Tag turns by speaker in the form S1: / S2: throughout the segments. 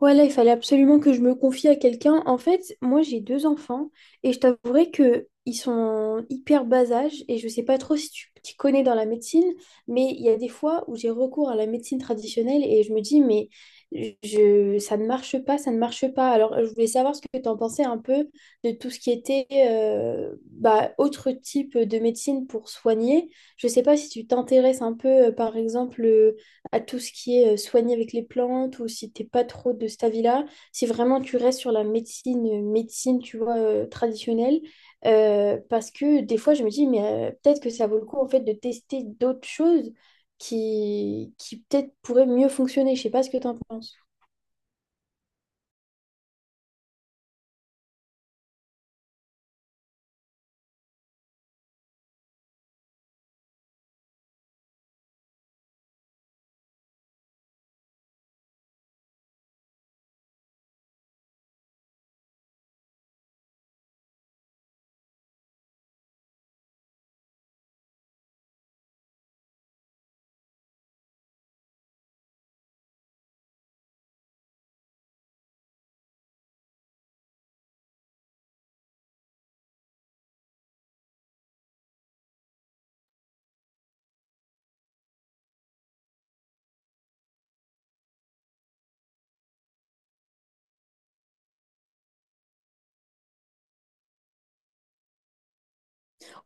S1: Ouais, là, il fallait absolument que je me confie à quelqu'un. En fait, moi, j'ai deux enfants et je t'avouerai que ils sont hyper bas âge et je sais pas trop si tu t'y connais dans la médecine, mais il y a des fois où j'ai recours à la médecine traditionnelle et je me dis, mais je, ça ne marche pas, ça ne marche pas. Alors, je voulais savoir ce que tu en pensais un peu de tout ce qui était bah, autre type de médecine pour soigner. Je sais pas si tu t'intéresses un peu, par exemple à tout ce qui est soigner avec les plantes ou si t'es pas trop de cet avis-là, si vraiment tu restes sur la médecine, médecine, tu vois, traditionnelle, parce que des fois, je me dis, mais peut-être que ça vaut le coup, en fait, de tester d'autres choses qui peut-être pourraient mieux fonctionner. Je sais pas ce que t'en penses.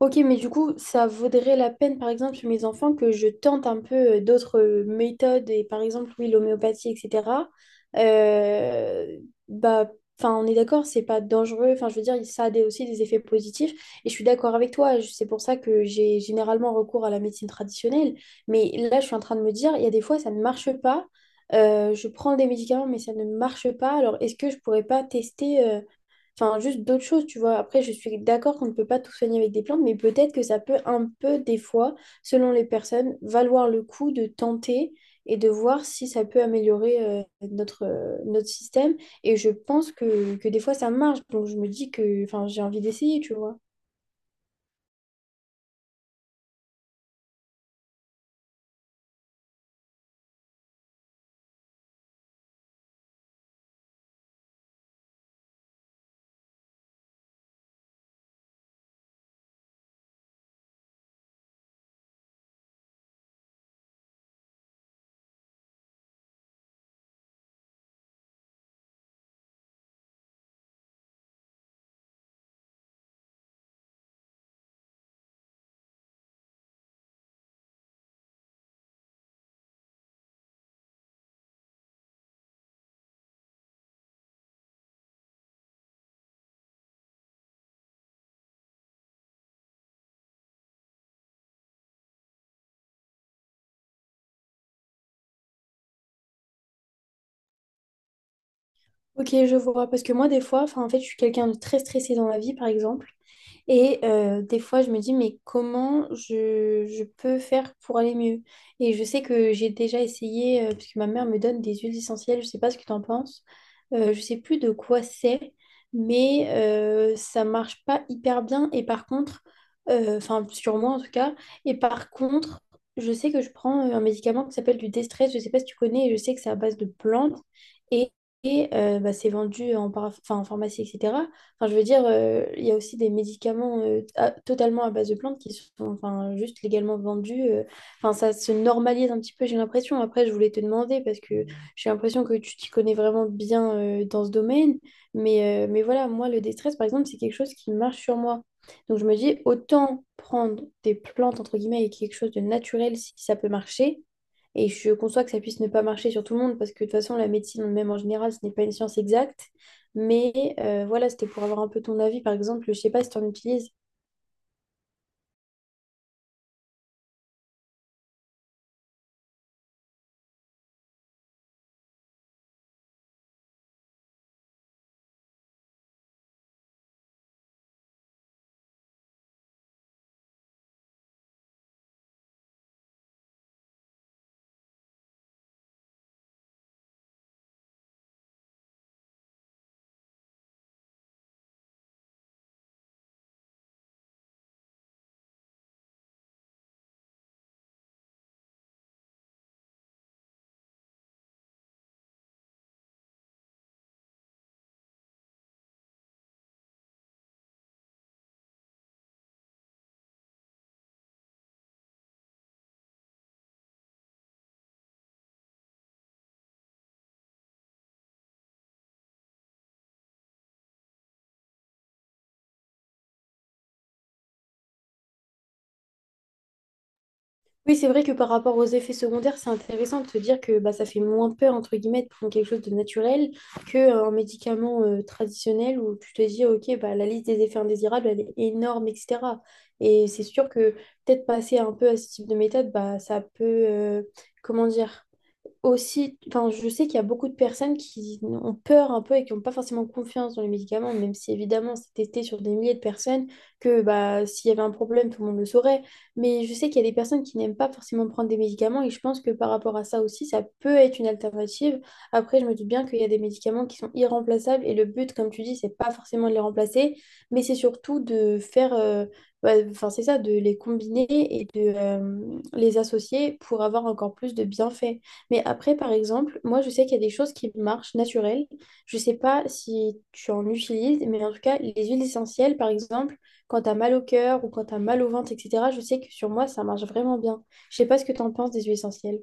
S1: Ok, mais du coup, ça vaudrait la peine, par exemple, sur mes enfants, que je tente un peu d'autres méthodes, et par exemple, oui, l'homéopathie, etc. Euh, bah, enfin, on est d'accord, c'est pas dangereux. Enfin, je veux dire, ça a des- aussi des effets positifs. Et je suis d'accord avec toi. C'est pour ça que j'ai généralement recours à la médecine traditionnelle. Mais là, je suis en train de me dire, il y a des fois, ça ne marche pas. Je prends des médicaments, mais ça ne marche pas. Alors, est-ce que je pourrais pas tester Enfin, juste d'autres choses, tu vois. Après, je suis d'accord qu'on ne peut pas tout soigner avec des plantes, mais peut-être que ça peut un peu, des fois, selon les personnes, valoir le coup de tenter et de voir si ça peut améliorer notre, notre système. Et je pense que des fois, ça marche. Donc, je me dis que, enfin, j'ai envie d'essayer, tu vois. Ok, je vois. Parce que moi, des fois, enfin, en fait, je suis quelqu'un de très stressé dans la vie, par exemple. Et des fois, je me dis, mais comment je peux faire pour aller mieux? Et je sais que j'ai déjà essayé, parce que ma mère me donne des huiles essentielles, je sais pas ce que tu en penses. Je sais plus de quoi c'est, mais ça marche pas hyper bien. Et par contre, enfin, sur moi en tout cas, et par contre, je sais que je prends un médicament qui s'appelle du déstress, je sais pas si tu connais, et je sais que c'est à base de plantes. Et, et, c'est vendu en, enfin, en pharmacie, etc. Enfin, je veux dire, il y a aussi des médicaments totalement à base de plantes qui sont enfin, juste légalement vendus. Enfin, ça se normalise un petit peu, j'ai l'impression. Après, je voulais te demander parce que j'ai l'impression que tu t'y connais vraiment bien dans ce domaine. Mais voilà, moi, le déstress, par exemple, c'est quelque chose qui marche sur moi. Donc, je me dis, autant prendre des plantes, entre guillemets, et quelque chose de naturel si ça peut marcher et je conçois que ça puisse ne pas marcher sur tout le monde parce que de toute façon, la médecine, même en général, ce n'est pas une science exacte. Mais voilà, c'était pour avoir un peu ton avis, par exemple. Je ne sais pas si tu en utilises. Oui, c'est vrai que par rapport aux effets secondaires, c'est intéressant de se dire que bah, ça fait moins peur, entre guillemets, de prendre quelque chose de naturel qu'un médicament traditionnel où tu te dis, OK, bah, la liste des effets indésirables, elle est énorme, etc. Et c'est sûr que peut-être passer un peu à ce type de méthode, bah, ça peut, comment dire, aussi, enfin, je sais qu'il y a beaucoup de personnes qui ont peur un peu et qui n'ont pas forcément confiance dans les médicaments, même si évidemment c'est testé sur des milliers de personnes, que bah, s'il y avait un problème, tout le monde le saurait. Mais je sais qu'il y a des personnes qui n'aiment pas forcément prendre des médicaments et je pense que par rapport à ça aussi, ça peut être une alternative. Après, je me doute bien qu'il y a des médicaments qui sont irremplaçables et le but, comme tu dis, c'est pas forcément de les remplacer, mais c'est surtout de faire... bah, enfin, c'est ça, de les combiner et de les associer pour avoir encore plus de bienfaits. Mais après, par exemple, moi, je sais qu'il y a des choses qui marchent naturelles. Je sais pas si tu en utilises, mais en tout cas, les huiles essentielles, par exemple, quand tu as mal au cœur ou quand tu as mal au ventre, etc., je sais que sur moi, ça marche vraiment bien. Je sais pas ce que tu en penses des huiles essentielles.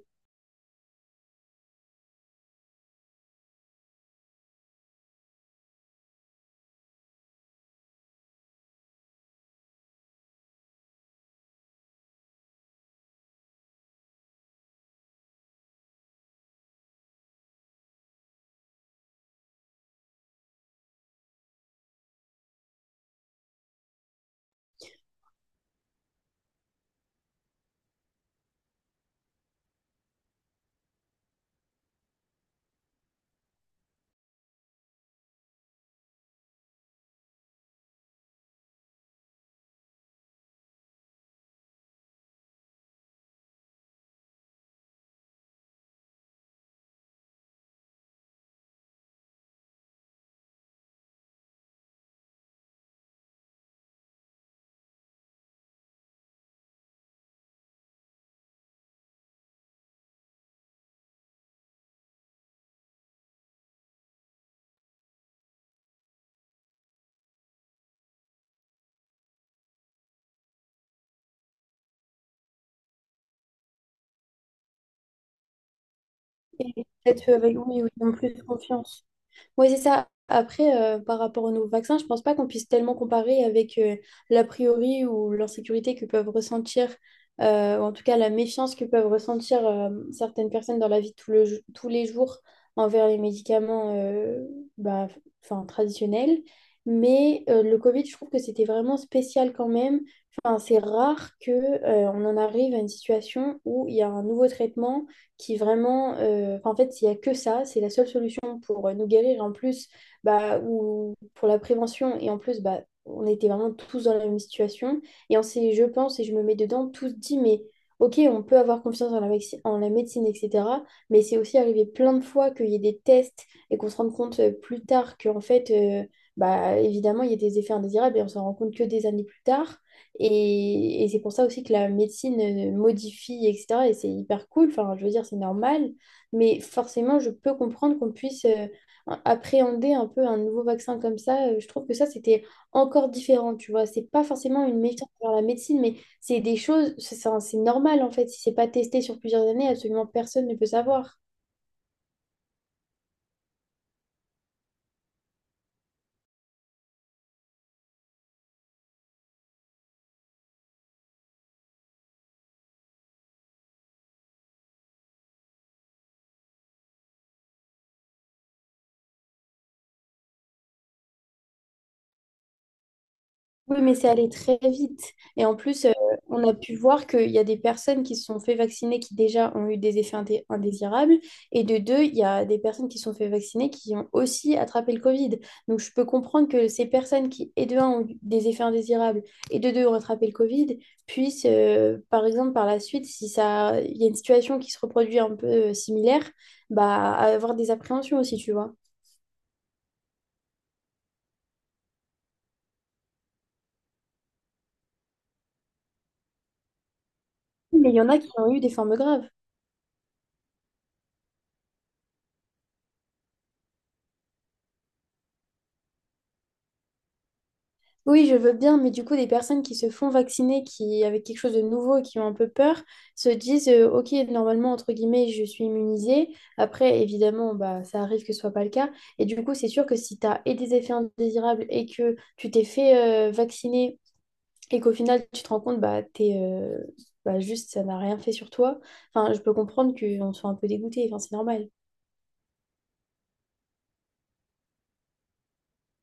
S1: Et peut-être avec oui, oui, ils ont plus confiance. Oui, c'est ça. Après, par rapport aux nouveaux vaccins, je pense pas qu'on puisse tellement comparer avec l'a priori ou l'insécurité que peuvent ressentir, ou en tout cas la méfiance que peuvent ressentir certaines personnes dans la vie de tout le, tous les jours envers les médicaments bah, enfin, traditionnels. Mais le Covid, je trouve que c'était vraiment spécial quand même. Enfin, c'est rare que, on en arrive à une situation où il y a un nouveau traitement qui vraiment, enfin, en fait, il n'y a que ça, c'est la seule solution pour nous guérir en plus, bah, ou pour la prévention. Et en plus, bah, on était vraiment tous dans la même situation. Et on s'est, je pense, et je me mets dedans, tous dit, mais ok, on peut avoir confiance en la, en la médecine, etc. Mais c'est aussi arrivé plein de fois qu'il y ait des tests et qu'on se rende compte plus tard qu'en fait, bah, évidemment, il y a des effets indésirables et on s'en rend compte que des années plus tard. Et c'est pour ça aussi que la médecine modifie, etc. Et c'est hyper cool, enfin, je veux dire, c'est normal. Mais forcément, je peux comprendre qu'on puisse appréhender un peu un nouveau vaccin comme ça. Je trouve que ça, c'était encore différent, tu vois. C'est pas forcément une méfiance vers la médecine, mais c'est des choses, c'est normal en fait. Si c'est pas testé sur plusieurs années, absolument personne ne peut savoir. Oui, mais c'est allé très vite. Et en plus, on a pu voir qu'il y a des personnes qui se sont fait vacciner qui déjà ont eu des effets indésirables. Et de deux, il y a des personnes qui se sont fait vacciner qui ont aussi attrapé le Covid. Donc, je peux comprendre que ces personnes qui, et de un, ont eu des effets indésirables et de deux, ont attrapé le Covid, puissent, par exemple, par la suite, si ça, il y a une situation qui se reproduit un peu similaire, bah, avoir des appréhensions aussi, tu vois. Mais il y en a qui ont eu des formes graves. Oui, je veux bien, mais du coup, des personnes qui se font vacciner, qui avec quelque chose de nouveau et qui ont un peu peur, se disent Ok, normalement, entre guillemets, je suis immunisée. Après, évidemment, bah, ça arrive que ce soit pas le cas. Et du coup, c'est sûr que si tu as et des effets indésirables et que tu t'es fait vacciner et qu'au final, tu te rends compte, bah, t'es, bah, juste, ça n'a rien fait sur toi. Enfin, je peux comprendre qu'on soit un peu dégoûté. Enfin, c'est normal.